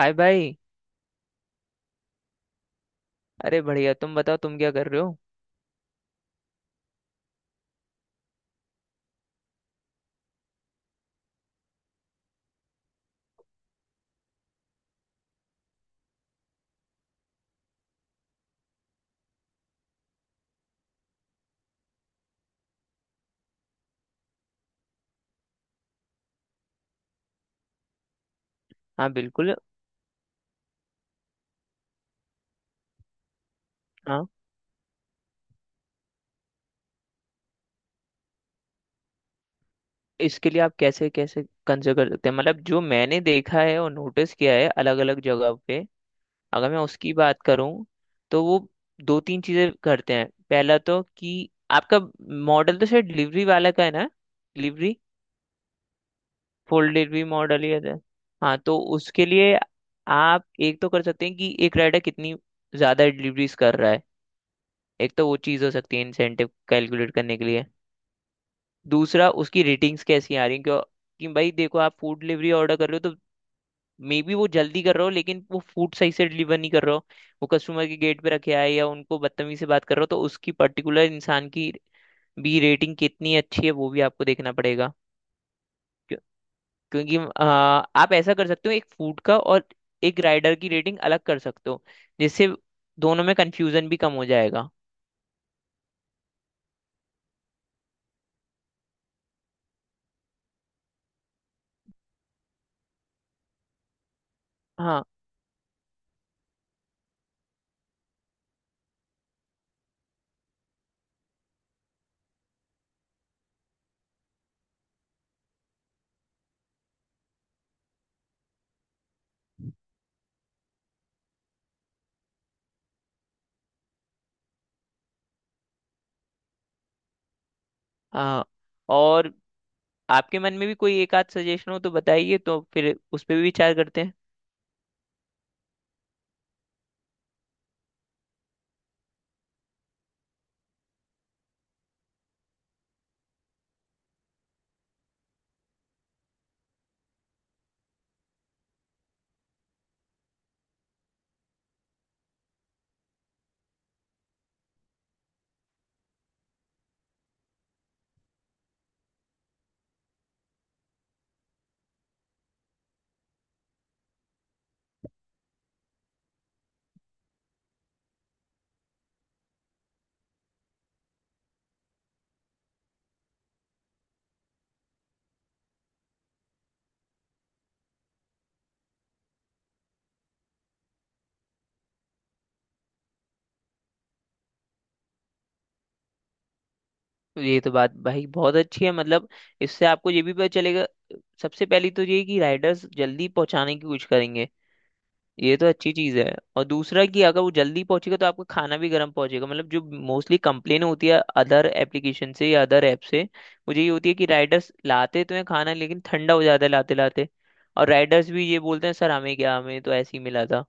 हाय भाई। अरे बढ़िया, तुम बताओ तुम क्या कर रहे हो? हाँ बिल्कुल। हाँ, इसके लिए आप कैसे कैसे कंसिडर कर सकते हैं, मतलब जो मैंने देखा है और नोटिस किया है अलग अलग जगह पे, अगर मैं उसकी बात करूँ तो वो दो तीन चीजें करते हैं। पहला तो कि आपका मॉडल तो शायद डिलीवरी वाला का है ना। डिलीवरी, फुल डिलीवरी मॉडल ही है। हाँ, तो उसके लिए आप एक तो कर सकते हैं कि एक राइडर कितनी ज्यादा डिलीवरीज कर रहा है। एक तो वो चीज़ हो सकती है इंसेंटिव कैलकुलेट करने के लिए। दूसरा, उसकी रेटिंग्स कैसी आ रही हैं, क्यों कि भाई देखो, आप फूड डिलीवरी ऑर्डर कर रहे हो तो मे बी वो जल्दी कर रहे हो लेकिन वो फूड सही से डिलीवर नहीं कर रहे हो। वो कस्टमर के गेट पे रखे आए या उनको बदतमीजी से बात कर रहे हो, तो उसकी पर्टिकुलर इंसान की भी रेटिंग कितनी अच्छी है वो भी आपको देखना पड़ेगा। क्यों- क्योंकि आप ऐसा कर सकते हो एक फूड का और एक राइडर की रेटिंग अलग कर सकते हो, जिससे दोनों में कंफ्यूजन भी कम हो जाएगा। हाँ हाँ। और आपके मन में भी कोई एक आध सजेशन हो तो बताइए, तो फिर उस पर भी विचार करते हैं। तो ये तो बात भाई बहुत अच्छी है, मतलब इससे आपको ये भी पता चलेगा। सबसे पहली तो ये कि राइडर्स जल्दी पहुंचाने की कोशिश करेंगे, ये तो अच्छी चीज है। और दूसरा कि अगर वो जल्दी पहुंचेगा तो आपका खाना भी गर्म पहुंचेगा, मतलब जो मोस्टली कंप्लेन होती है अदर एप्लीकेशन से या अदर ऐप से, वो यही होती है कि राइडर्स लाते तो हैं खाना लेकिन ठंडा हो जाता है लाते लाते। और राइडर्स भी ये बोलते हैं सर हमें क्या, हमें तो ऐसे ही मिला था।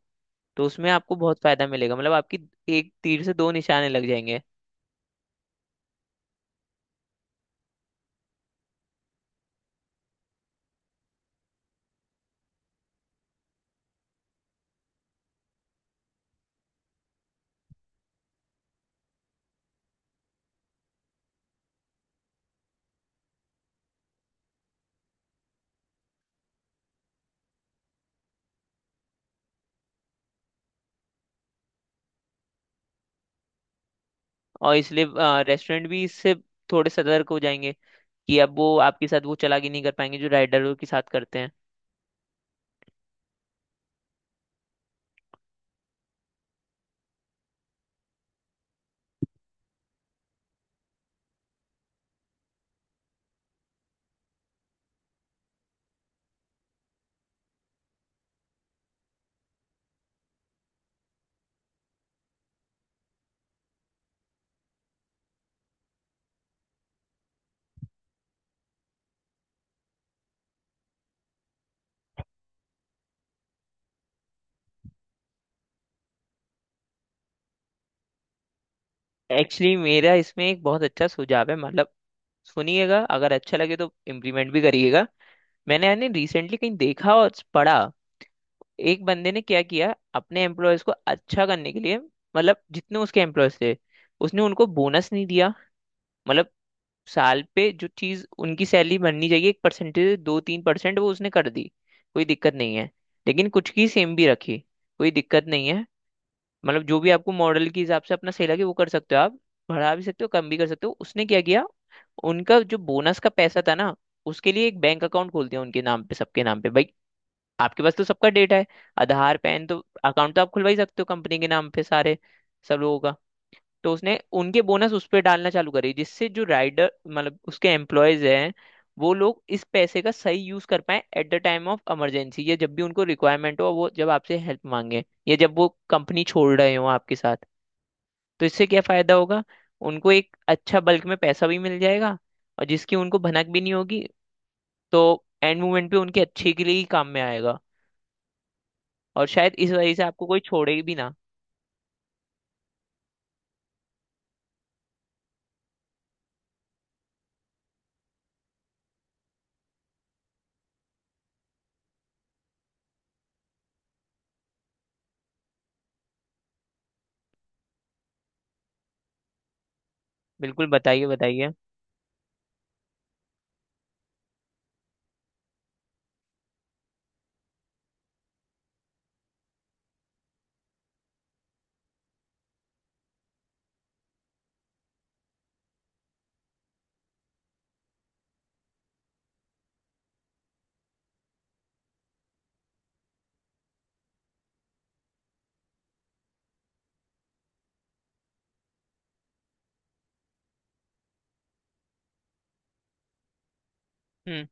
तो उसमें आपको बहुत फायदा मिलेगा, मतलब आपकी एक तीर से दो निशाने लग जाएंगे। और इसलिए रेस्टोरेंट भी इससे थोड़े सतर्क हो जाएंगे कि अब वो आपके साथ वो चालाकी नहीं कर पाएंगे जो राइडरों के साथ करते हैं। एक्चुअली मेरा इसमें एक बहुत अच्छा सुझाव है, मतलब सुनिएगा अगर अच्छा लगे तो इम्प्लीमेंट भी करिएगा। मैंने यानी रिसेंटली कहीं देखा और पढ़ा, एक बंदे ने क्या किया अपने एम्प्लॉयज को अच्छा करने के लिए। मतलब जितने उसके एम्प्लॉयज थे, उसने उनको बोनस नहीं दिया। मतलब साल पे जो चीज उनकी सैलरी बननी चाहिए, एक परसेंटेज, 2-3%, वो उसने कर दी, कोई दिक्कत नहीं है। लेकिन कुछ की सेम भी रखी, कोई दिक्कत नहीं है। मतलब जो भी आपको मॉडल के हिसाब से अपना सही लगे वो कर सकते हो आप, बढ़ा भी सकते हो कम भी कर सकते हो। उसने क्या किया, उनका जो बोनस का पैसा था ना, उसके लिए एक बैंक अकाउंट खोल दिया उनके नाम पे, सबके नाम पे भाई। आपके पास तो सबका डेटा है, आधार पैन तो अकाउंट तो आप खुलवा ही सकते हो कंपनी के नाम पे सारे, सब लोगों का। तो उसने उनके बोनस उस पर डालना चालू करी, जिससे जो राइडर मतलब उसके एम्प्लॉयज हैं, वो लोग इस पैसे का सही यूज कर पाए at the time of emergency, या जब भी उनको रिक्वायरमेंट हो, वो जब आपसे हेल्प मांगे या जब वो कंपनी छोड़ रहे हो आपके साथ। तो इससे क्या फायदा होगा, उनको एक अच्छा बल्क में पैसा भी मिल जाएगा और जिसकी उनको भनक भी नहीं होगी। तो एंड मोमेंट पे उनके अच्छे के लिए ही काम में आएगा। और शायद इस वजह से आपको कोई छोड़े भी ना। बिल्कुल बताइए बताइए। हम्म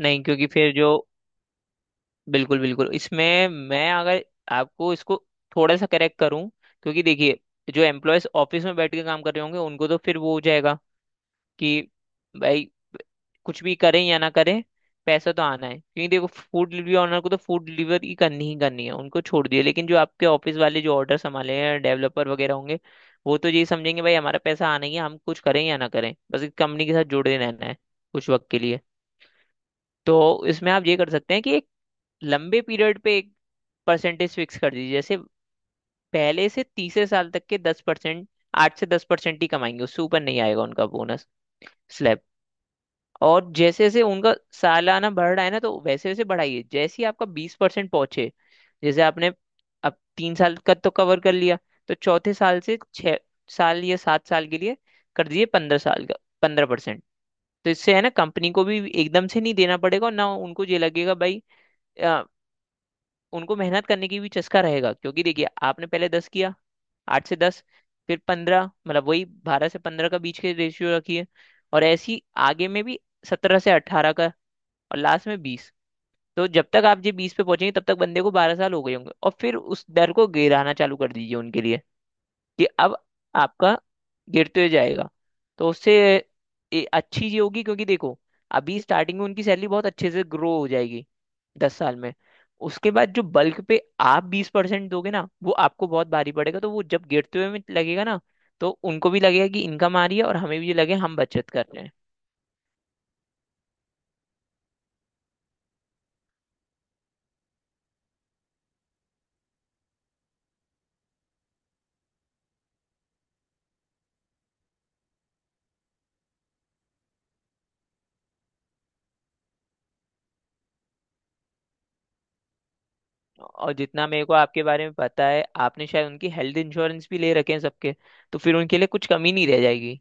नहीं, क्योंकि फिर जो, बिल्कुल बिल्कुल, इसमें मैं अगर आपको इसको थोड़ा सा करेक्ट करूं, क्योंकि देखिए जो एम्प्लॉयज ऑफिस में बैठ के काम कर रहे होंगे उनको तो फिर वो हो जाएगा कि भाई कुछ भी करें या ना करें पैसा तो आना है। क्योंकि देखो फूड डिलीवरी ऑनर को तो फूड डिलीवरी ही करनी है, उनको छोड़ दिया, लेकिन जो आपके ऑफिस वाले जो ऑर्डर संभाले हैं डेवलपर वगैरह होंगे, वो तो यही समझेंगे भाई हमारा पैसा आना ही है, हम कुछ करें या ना करें, बस एक कंपनी के साथ जुड़े रहना है कुछ वक्त के लिए। तो इसमें आप ये कर सकते हैं कि एक लंबे पीरियड पे एक परसेंटेज फिक्स कर दीजिए, जैसे पहले से तीसरे साल तक के 10%, 8 से 10% ही कमाएंगे, उससे ऊपर नहीं आएगा उनका बोनस स्लैब। और जैसे जैसे उनका सालाना बढ़ रहा है ना तो वैसे वैसे बढ़ाइए, जैसे ही आपका 20% पहुंचे, जैसे आपने अब 3 साल का तो कवर कर लिया, तो चौथे साल से 6 साल या 7 साल के लिए कर दीजिए 15 साल का, 15%। तो इससे है ना कंपनी को भी एकदम से नहीं देना पड़ेगा, और ना उनको ये लगेगा भाई। आ, उनको मेहनत करने की भी चस्का रहेगा, क्योंकि देखिए आपने पहले दस किया, 8 से 10, फिर पंद्रह, मतलब वही 12 से 15 का बीच के रेशियो रखिए। और ऐसी आगे में भी 17 से 18 का, और लास्ट में बीस। तो जब तक आप ये बीस पे पहुंचेंगे तब तक बंदे को 12 साल हो गए होंगे, और फिर उस दर को गिराना चालू कर दीजिए उनके लिए कि अब आपका गिरते हुए जाएगा। तो उससे ये अच्छी चीज होगी क्योंकि देखो अभी स्टार्टिंग में उनकी सैलरी बहुत अच्छे से ग्रो हो जाएगी 10 साल में। उसके बाद जो बल्क पे आप 20% दोगे ना वो आपको बहुत भारी पड़ेगा, तो वो जब गिरते हुए में लगेगा ना तो उनको भी लगेगा कि इनकम आ रही है और हमें भी लगे हम बचत कर रहे हैं। और जितना मेरे को आपके बारे में पता है, आपने शायद उनकी हेल्थ इंश्योरेंस भी ले रखे हैं सबके, तो फिर उनके लिए कुछ कमी नहीं रह जाएगी।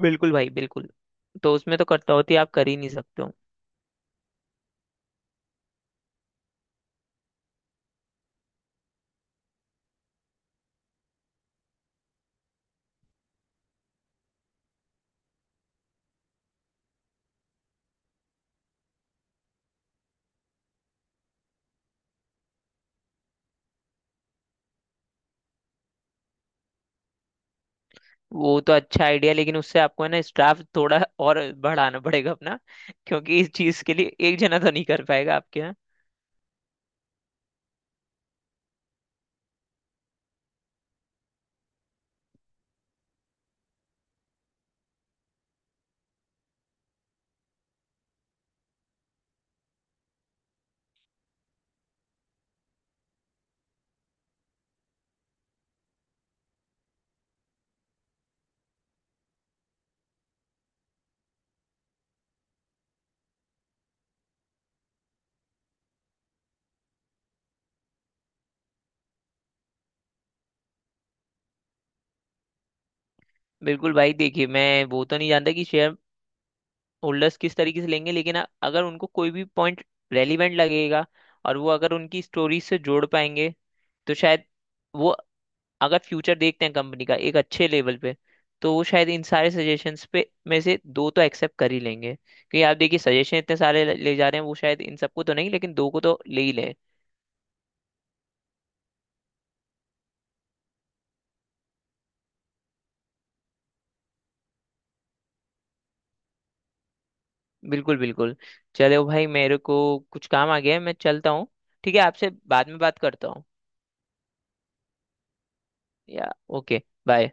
बिल्कुल भाई बिल्कुल, तो उसमें तो कटौती आप कर ही नहीं सकते हो। वो तो अच्छा आइडिया, लेकिन उससे आपको है ना स्टाफ थोड़ा और बढ़ाना पड़ेगा अपना, क्योंकि इस चीज के लिए एक जना तो नहीं कर पाएगा आपके यहाँ। बिल्कुल भाई देखिए, मैं वो तो नहीं जानता कि शेयर होल्डर्स किस तरीके से लेंगे, लेकिन अगर उनको कोई भी पॉइंट रेलिवेंट लगेगा और वो अगर उनकी स्टोरी से जोड़ पाएंगे, तो शायद वो, अगर फ्यूचर देखते हैं कंपनी का एक अच्छे लेवल पे, तो वो शायद इन सारे सजेशंस पे में से दो तो एक्सेप्ट कर ही लेंगे। क्योंकि आप देखिए सजेशन इतने सारे ले ले जा रहे हैं, वो शायद इन सबको तो नहीं लेकिन दो को तो ले ही लें। बिल्कुल बिल्कुल। चलो भाई मेरे को कुछ काम आ गया है, मैं चलता हूँ। ठीक है, आपसे बाद में बात करता हूँ। या ओके बाय।